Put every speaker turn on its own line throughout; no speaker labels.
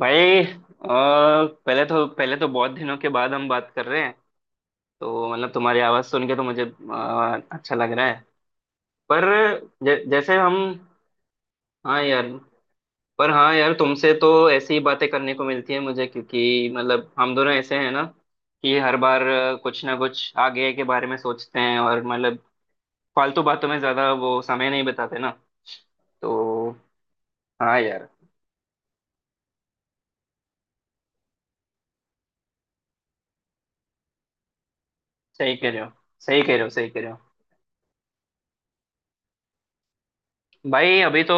भाई पहले तो बहुत दिनों के बाद हम बात कर रहे हैं। तो मतलब तुम्हारी आवाज़ सुन के तो मुझे अच्छा लग रहा है। पर जैसे हम हाँ यार। पर हाँ यार, तुमसे तो ऐसी ही बातें करने को मिलती है मुझे, क्योंकि मतलब हम दोनों ऐसे हैं ना कि हर बार कुछ ना कुछ आगे के बारे में सोचते हैं और मतलब फालतू बातों में ज़्यादा वो समय नहीं बिताते ना। तो हाँ यार। सही कह रहे हो। सही कह रहे हो। सही कह रहे हो। भाई अभी तो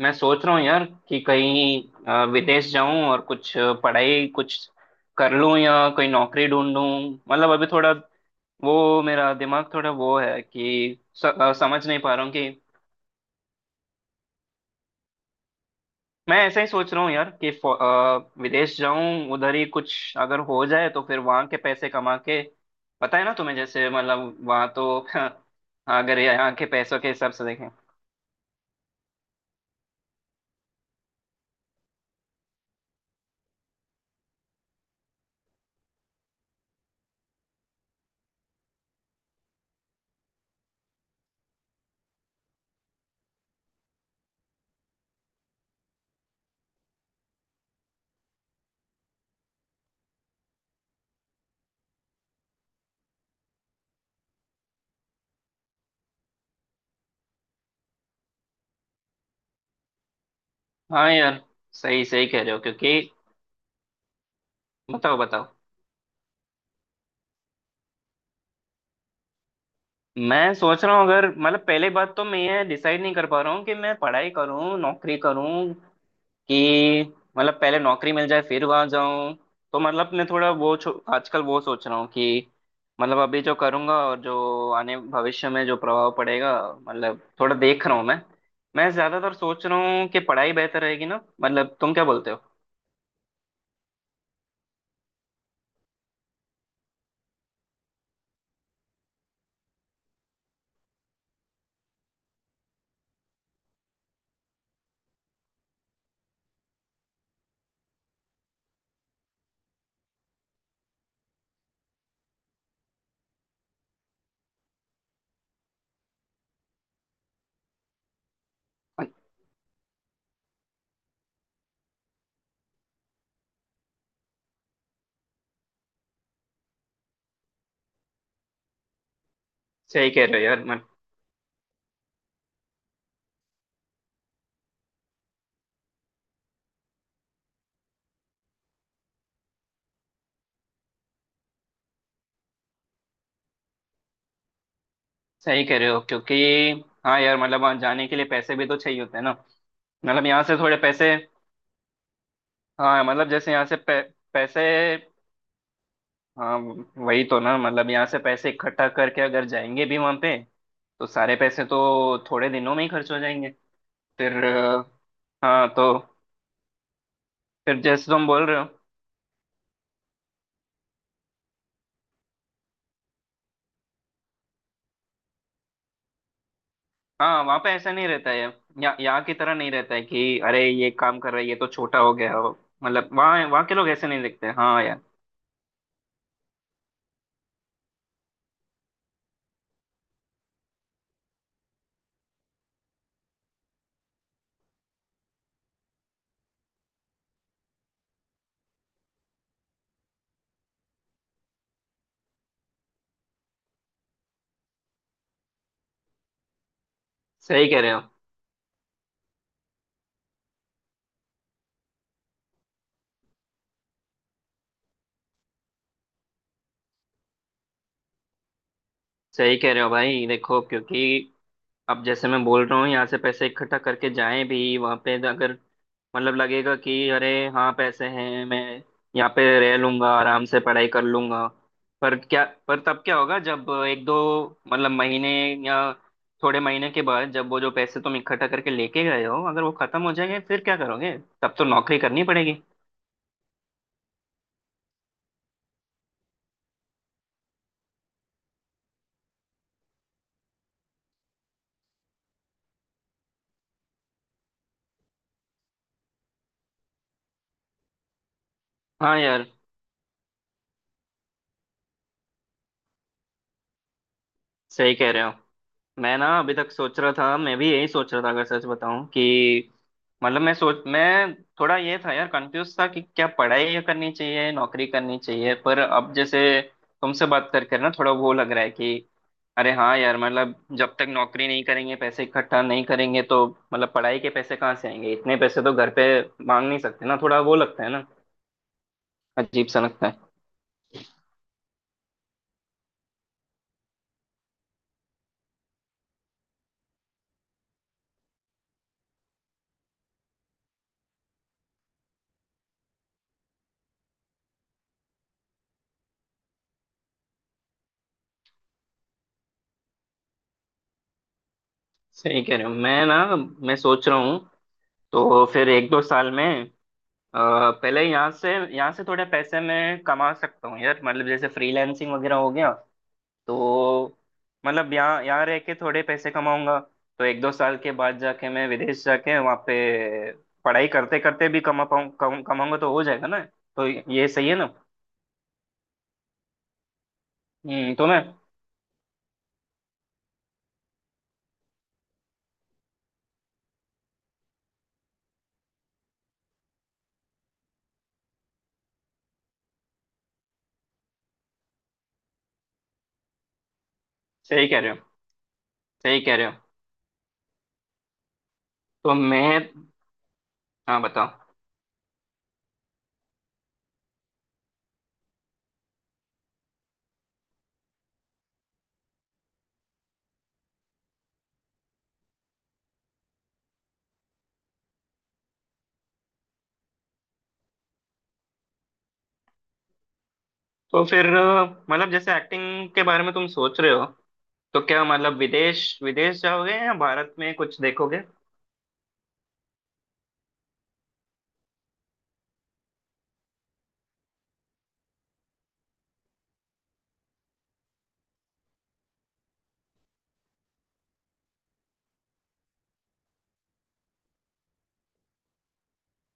मैं सोच रहा हूँ यार कि कहीं विदेश जाऊं और कुछ पढ़ाई कुछ कर लूं या कोई नौकरी ढूंढूं। मतलब अभी थोड़ा वो मेरा दिमाग थोड़ा वो है कि समझ नहीं पा रहा हूँ कि मैं ऐसा ही सोच रहा हूँ यार कि विदेश जाऊं, उधर ही कुछ अगर हो जाए तो फिर वहां के पैसे कमा के पता है ना तुम्हें, जैसे मतलब वहां तो अगर यहाँ के पैसों के हिसाब से देखें। हाँ यार। सही, सही कह रहे हो क्योंकि बताओ बताओ। मैं सोच रहा हूँ अगर मतलब पहले बात तो मैं ये डिसाइड नहीं कर पा रहा हूँ कि मैं पढ़ाई करूँ नौकरी करूँ, कि मतलब पहले नौकरी मिल जाए फिर वहां जाऊँ। तो मतलब मैं थोड़ा वो आजकल वो सोच रहा हूँ कि मतलब अभी जो करूँगा और जो आने भविष्य में जो प्रभाव पड़ेगा, मतलब थोड़ा देख रहा हूँ मैं। मैं ज्यादातर सोच रहा हूँ कि पढ़ाई बेहतर रहेगी ना, मतलब तुम क्या बोलते हो? सही कह रहे हो यार मतलब। सही कह रहे हो क्योंकि हाँ यार, मतलब वहाँ जाने के लिए पैसे भी तो चाहिए होते हैं ना। मतलब यहाँ से थोड़े पैसे, हाँ मतलब जैसे यहाँ से पैसे। हाँ, वही तो ना, मतलब यहाँ से पैसे इकट्ठा करके अगर जाएंगे भी वहाँ पे तो सारे पैसे तो थोड़े दिनों में ही खर्च हो जाएंगे। फिर हाँ तो फिर जैसे तुम बोल रहे हो। हाँ वहाँ पे ऐसा नहीं रहता है, यहाँ यहाँ की तरह नहीं रहता है कि अरे ये काम कर रहा है ये तो छोटा हो गया हो। मतलब वहाँ वहाँ के लोग ऐसे नहीं देखते, हाँ यार। सही कह रहे हो। सही कह रहे हो भाई, देखो क्योंकि अब जैसे मैं बोल रहा हूँ यहाँ से पैसे इकट्ठा करके जाएं भी वहाँ पे अगर, मतलब लगेगा कि अरे हाँ पैसे हैं, मैं यहाँ पे रह लूंगा आराम से पढ़ाई कर लूंगा। पर क्या, पर तब क्या होगा जब एक दो मतलब महीने या थोड़े महीने के बाद जब वो जो पैसे तुम इकट्ठा करके लेके गए हो अगर वो खत्म हो जाएंगे फिर क्या करोगे? तब तो नौकरी करनी पड़ेगी। हाँ यार, सही कह रहे हो। मैं ना अभी तक सोच रहा था, मैं भी यही सोच रहा था अगर सच बताऊं, कि मतलब मैं सोच मैं थोड़ा ये था यार, कंफ्यूज था कि क्या पढ़ाई करनी चाहिए नौकरी करनी चाहिए। पर अब जैसे तुमसे बात करके ना थोड़ा वो लग रहा है कि अरे हाँ यार, मतलब जब तक नौकरी नहीं करेंगे पैसे इकट्ठा नहीं करेंगे तो मतलब पढ़ाई के पैसे कहाँ से आएंगे? इतने पैसे तो घर पे मांग नहीं सकते ना, थोड़ा वो लगता है ना, अजीब सा लगता है। सही कह रहे हो। मैं ना मैं सोच रहा हूँ तो फिर एक दो साल में अ, पहले यहाँ से, यहाँ से थोड़े पैसे मैं कमा सकता हूँ यार, मतलब जैसे फ्रीलांसिंग वगैरह हो गया तो मतलब यहाँ यहाँ रह के थोड़े पैसे कमाऊंगा, तो एक दो साल के बाद जाके मैं विदेश जाके वहाँ पे पढ़ाई करते करते भी कमा पाऊँ, कमाऊंगा तो हो जाएगा ना। तो ये सही है ना? हम्म, तो मैं। सही कह रहे हो। सही कह रहे हो। तो मैं, हाँ बताओ। तो फिर मतलब जैसे एक्टिंग के बारे में तुम सोच रहे हो, तो क्या मतलब विदेश विदेश जाओगे या भारत में कुछ देखोगे?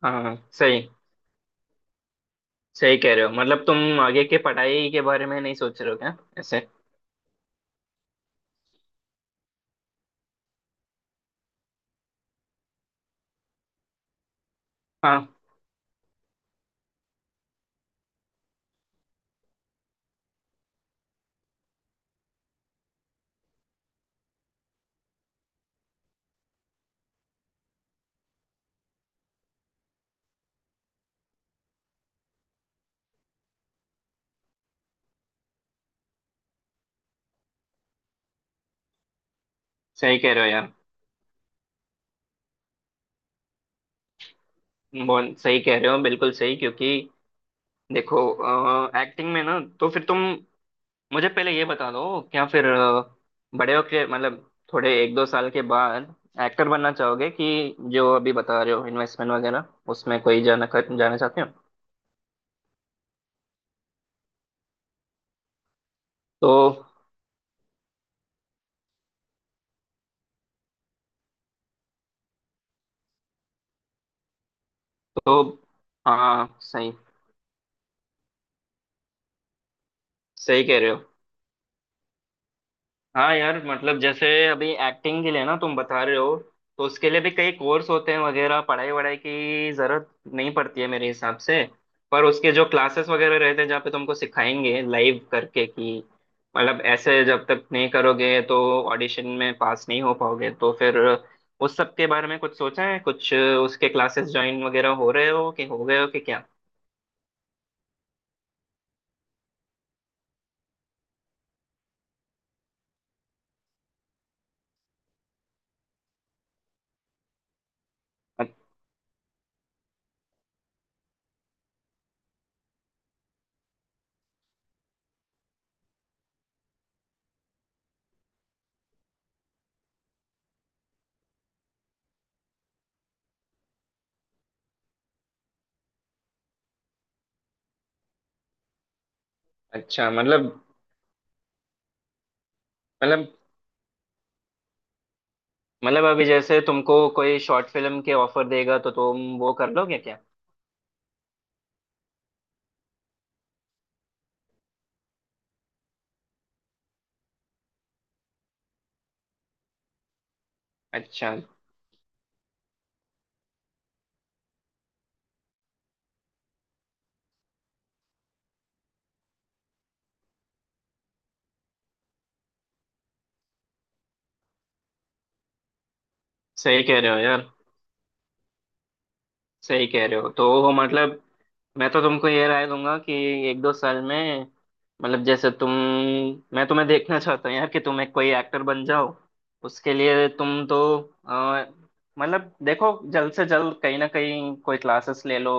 हाँ सही। सही कह रहे हो, मतलब तुम आगे के पढ़ाई के बारे में नहीं सोच रहे हो क्या ऐसे? हाँ, सही कह रहे हो यार। बहुत सही कह रहे हो, बिल्कुल सही क्योंकि देखो एक्टिंग में ना, तो फिर तुम मुझे पहले ये बता दो क्या, फिर बड़े होके मतलब थोड़े एक दो साल के बाद एक्टर बनना चाहोगे कि जो अभी बता रहे हो इन्वेस्टमेंट वगैरह उसमें कोई जाना जाना चाहते हो? तो तो हाँ सही। सही कह रहे हो। हाँ यार, मतलब जैसे अभी एक्टिंग के लिए ना तुम बता रहे हो, तो उसके लिए भी कई कोर्स होते हैं वगैरह, पढ़ाई वढ़ाई की जरूरत नहीं पड़ती है मेरे हिसाब से। पर उसके जो क्लासेस वगैरह रहते हैं जहाँ पे तुमको सिखाएंगे लाइव करके कि मतलब ऐसे जब तक नहीं करोगे तो ऑडिशन में पास नहीं हो पाओगे। तो फिर उस सब के बारे में कुछ सोचा है कुछ, उसके क्लासेस ज्वाइन वगैरह हो रहे हो कि हो गए हो कि क्या? अ- अच्छा मतलब। मतलब मतलब अभी जैसे तुमको कोई शॉर्ट फिल्म के ऑफर देगा तो तुम वो कर लोगे क्या? अच्छा सही कह रहे हो यार। सही कह रहे हो, तो वो मतलब मैं तो तुमको ये राय दूंगा कि एक दो साल में मतलब जैसे तुम, मैं तुम्हें देखना चाहता हूँ यार कि तुम एक कोई एक्टर बन जाओ। उसके लिए तुम तो अ, मतलब देखो, जल्द से जल्द कहीं ना कहीं कोई क्लासेस ले लो,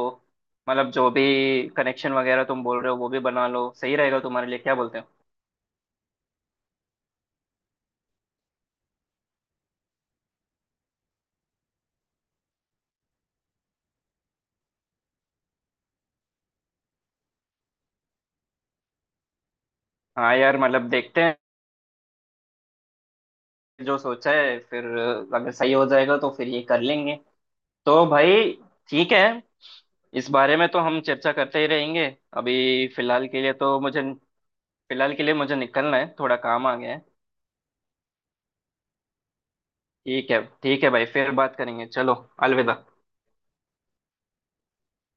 मतलब जो भी कनेक्शन वगैरह तुम बोल रहे हो वो भी बना लो, सही रहेगा तुम्हारे लिए, क्या बोलते हो? हाँ यार, मतलब देखते हैं, जो सोचा है फिर अगर सही हो जाएगा तो फिर ये कर लेंगे। तो भाई ठीक है, इस बारे में तो हम चर्चा करते ही रहेंगे। अभी फिलहाल के लिए तो मुझे, फिलहाल के लिए मुझे निकलना है, थोड़ा काम आ गया है। ठीक है, ठीक है भाई, फिर बात करेंगे। चलो, अलविदा।